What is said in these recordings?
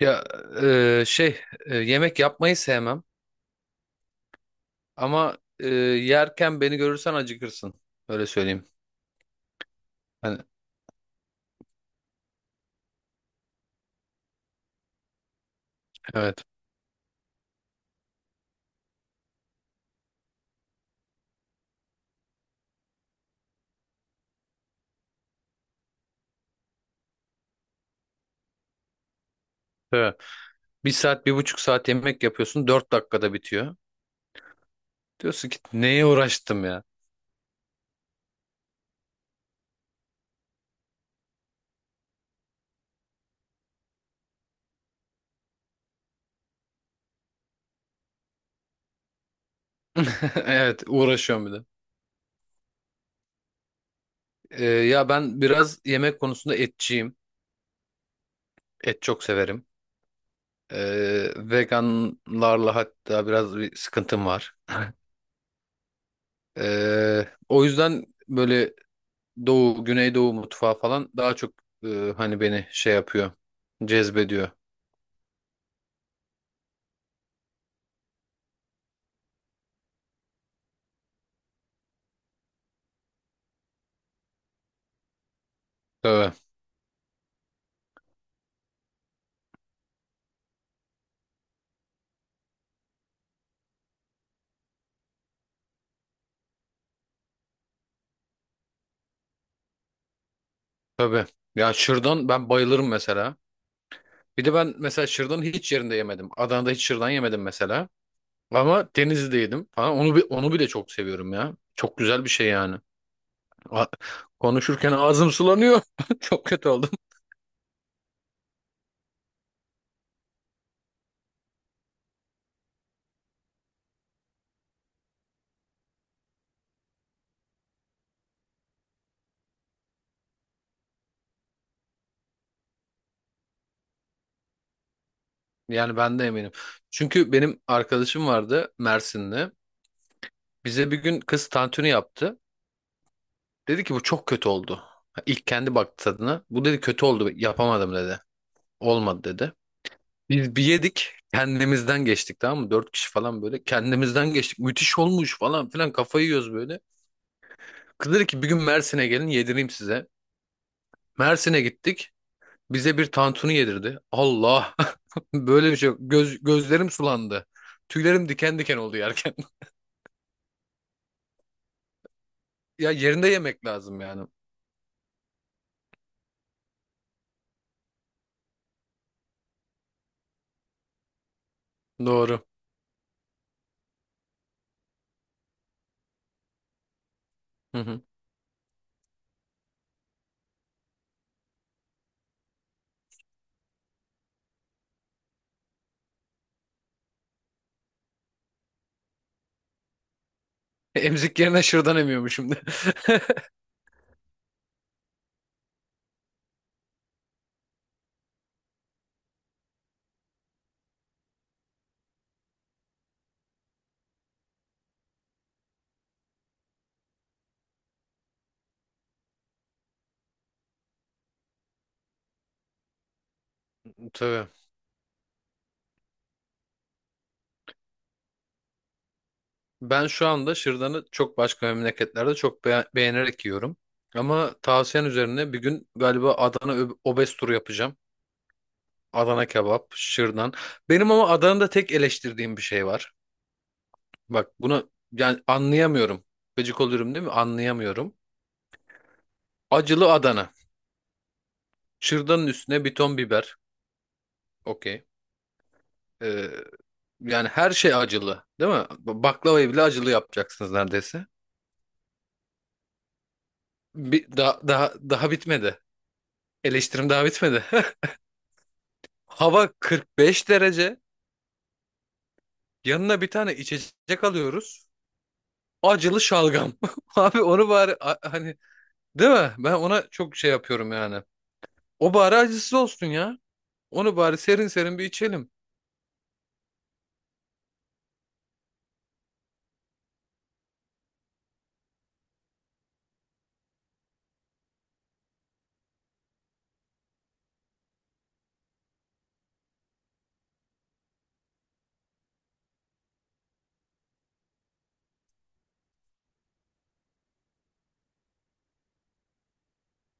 Ya e, şey yemek yapmayı sevmem ama yerken beni görürsen acıkırsın. Öyle söyleyeyim. Hani, evet. Evet. 1 saat 1,5 saat yemek yapıyorsun, 4 dakikada bitiyor. Diyorsun ki neye uğraştım ya. Evet, uğraşıyorum bir de. Ya ben biraz yemek konusunda etçiyim. Et çok severim. E, Veganlarla hatta biraz bir sıkıntım var. O yüzden böyle Doğu, Güneydoğu mutfağı falan daha çok, e, hani beni şey yapıyor, cezbediyor. Tabii, tabii. Ya, şırdan ben bayılırım mesela. Bir de ben mesela şırdanı hiç yerinde yemedim. Adana'da hiç şırdan yemedim mesela. Ama Denizli'de yedim falan. Onu, onu bile çok seviyorum ya. Çok güzel bir şey yani. A- Konuşurken ağzım sulanıyor. Çok kötü oldum. Yani ben de eminim. Çünkü benim arkadaşım vardı Mersin'de. Bize bir gün kız tantuni yaptı. Dedi ki bu çok kötü oldu. Ha, İlk kendi baktı tadına. Bu dedi kötü oldu, yapamadım dedi. Olmadı dedi. Biz bir yedik, kendimizden geçtik, tamam mı? 4 kişi falan böyle kendimizden geçtik. Müthiş olmuş falan filan, kafayı yiyoruz böyle. Kız dedi ki bir gün Mersin'e gelin yedireyim size. Mersin'e gittik. Bize bir tantuni yedirdi. Allah, böyle bir şey yok. Göz, gözlerim sulandı. Tüylerim diken diken oldu yerken. Ya, yerinde yemek lazım yani. Doğru. Hı hı. Emzik yerine şırdan emiyormuşum şimdi. Tabii. Ben şu anda şırdanı çok başka memleketlerde çok beğenerek yiyorum. Ama tavsiyen üzerine bir gün galiba Adana obez turu yapacağım. Adana kebap, şırdan. Benim ama Adana'da tek eleştirdiğim bir şey var. Bak, bunu yani anlayamıyorum. Gıcık olurum, değil mi? Anlayamıyorum. Acılı Adana. Şırdanın üstüne bir ton biber. Okey. Ee, Yani her şey acılı, değil mi? Baklavayı bile acılı yapacaksınız neredeyse. Bir, daha, daha, daha bitmedi. Eleştirim daha bitmedi. Hava 45 derece. Yanına bir tane içecek alıyoruz. Acılı şalgam. Abi, onu bari hani, değil mi? Ben ona çok şey yapıyorum yani. O bari acısız olsun ya. Onu bari serin serin bir içelim.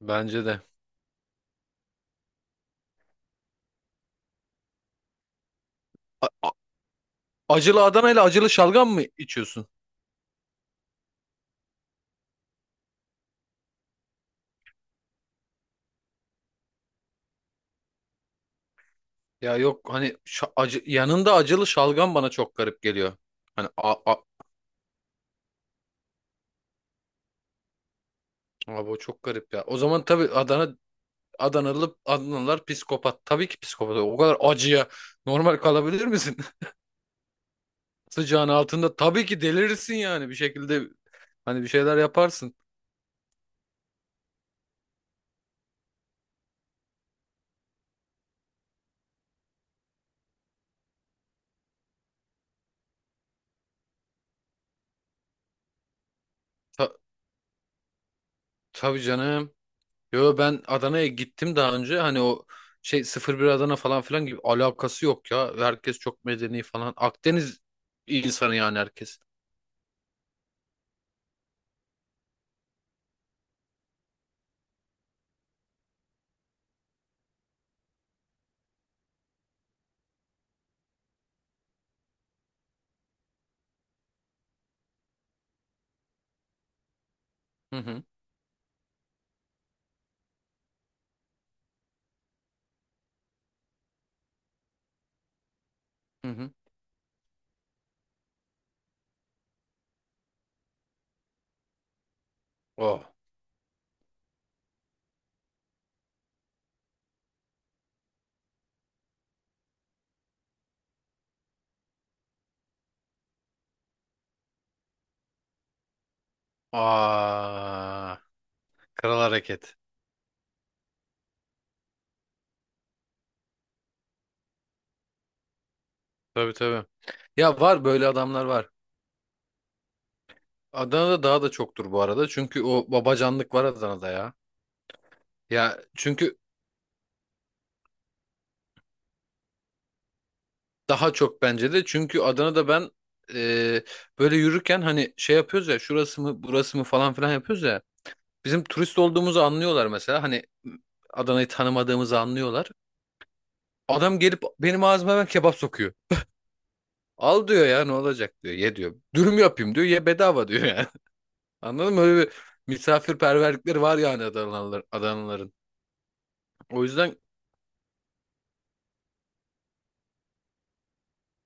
Bence de. A- a- Acılı Adana ile acılı şalgam mı içiyorsun? Ya yok, hani acı yanında acılı şalgam bana çok garip geliyor. Hani abi o çok garip ya. O zaman tabii Adanalılar psikopat. Tabii ki psikopat. O kadar acıya normal kalabilir misin? Sıcağın altında tabii ki delirirsin yani, bir şekilde hani bir şeyler yaparsın. Ta tabii canım. Yo, ben Adana'ya gittim daha önce, hani o şey 01 Adana falan filan gibi alakası yok ya. Herkes çok medeni falan. Akdeniz insanı yani, herkes. Hı hı, hı hı. Oh. Aa, kral hareket. Tabii, tabii. Ya, var böyle adamlar var. Adana'da daha da çoktur bu arada. Çünkü o babacanlık var Adana'da ya. Ya çünkü daha çok bence de, çünkü Adana'da ben, e, böyle yürürken hani şey yapıyoruz ya, şurası mı burası mı falan filan yapıyoruz ya. Bizim turist olduğumuzu anlıyorlar mesela, hani Adana'yı tanımadığımızı anlıyorlar. Adam gelip benim ağzıma hemen kebap sokuyor. Al diyor ya, ne olacak diyor, ye diyor. Dürüm yapayım diyor, ye bedava diyor yani. Anladın mı? Öyle bir misafirperverlikleri var yani, Adanalılar, Adanalıların. O yüzden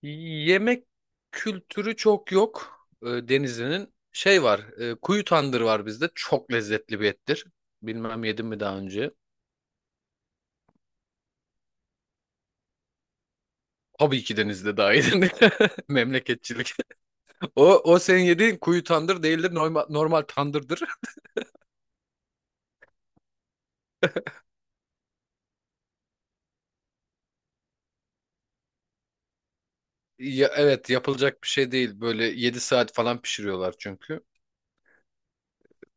yemek kültürü çok yok, Denizli'nin. Şey var, kuyu tandır var bizde. Çok lezzetli bir ettir. Bilmem yedim mi daha önce. Tabii ki Denizli'de daha yedim. Memleketçilik. O, o senin yediğin kuyu tandır değildir. Normal, normal tandırdır. Ya, evet, yapılacak bir şey değil. Böyle 7 saat falan pişiriyorlar çünkü.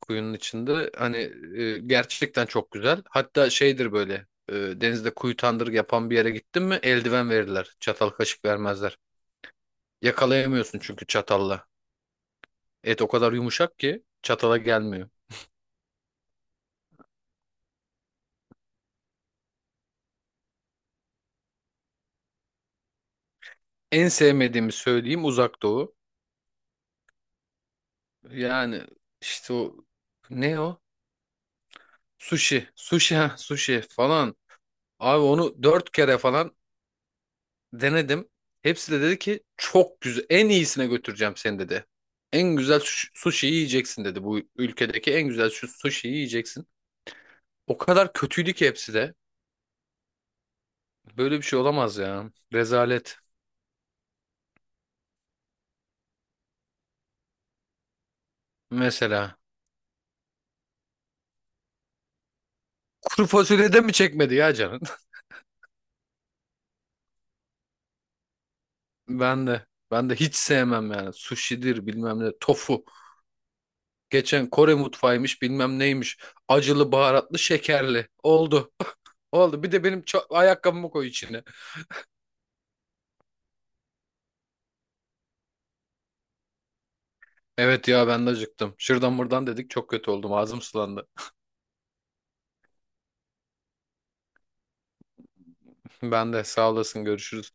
Kuyunun içinde. Hani, gerçekten çok güzel. Hatta şeydir böyle. Denizde kuyu tandır yapan bir yere gittin mi eldiven verirler. Çatal kaşık vermezler. Yakalayamıyorsun çünkü çatalla. Et o kadar yumuşak ki çatala gelmiyor. En sevmediğimi söyleyeyim, Uzak Doğu. Yani işte o, ne o? Sushi. Sushi, ha, sushi falan. Abi onu 4 kere falan denedim. Hepsi de dedi ki çok güzel. En iyisine götüreceğim seni dedi. En güzel sushi yiyeceksin dedi. Bu ülkedeki en güzel şu sushi yiyeceksin. O kadar kötüydü ki hepsi de. Böyle bir şey olamaz ya. Rezalet. Mesela. Kuru fasulyede mi çekmedi ya canın? Ben de. Ben de hiç sevmem yani. Sushi'dir bilmem ne. Tofu. Geçen Kore mutfağıymış bilmem neymiş. Acılı, baharatlı, şekerli. Oldu. Oldu. Bir de benim ayakkabımı koy içine. Evet ya, ben de acıktım. Şuradan buradan dedik, çok kötü oldum. Ağzım sulandı. Ben de, sağ olasın. Görüşürüz.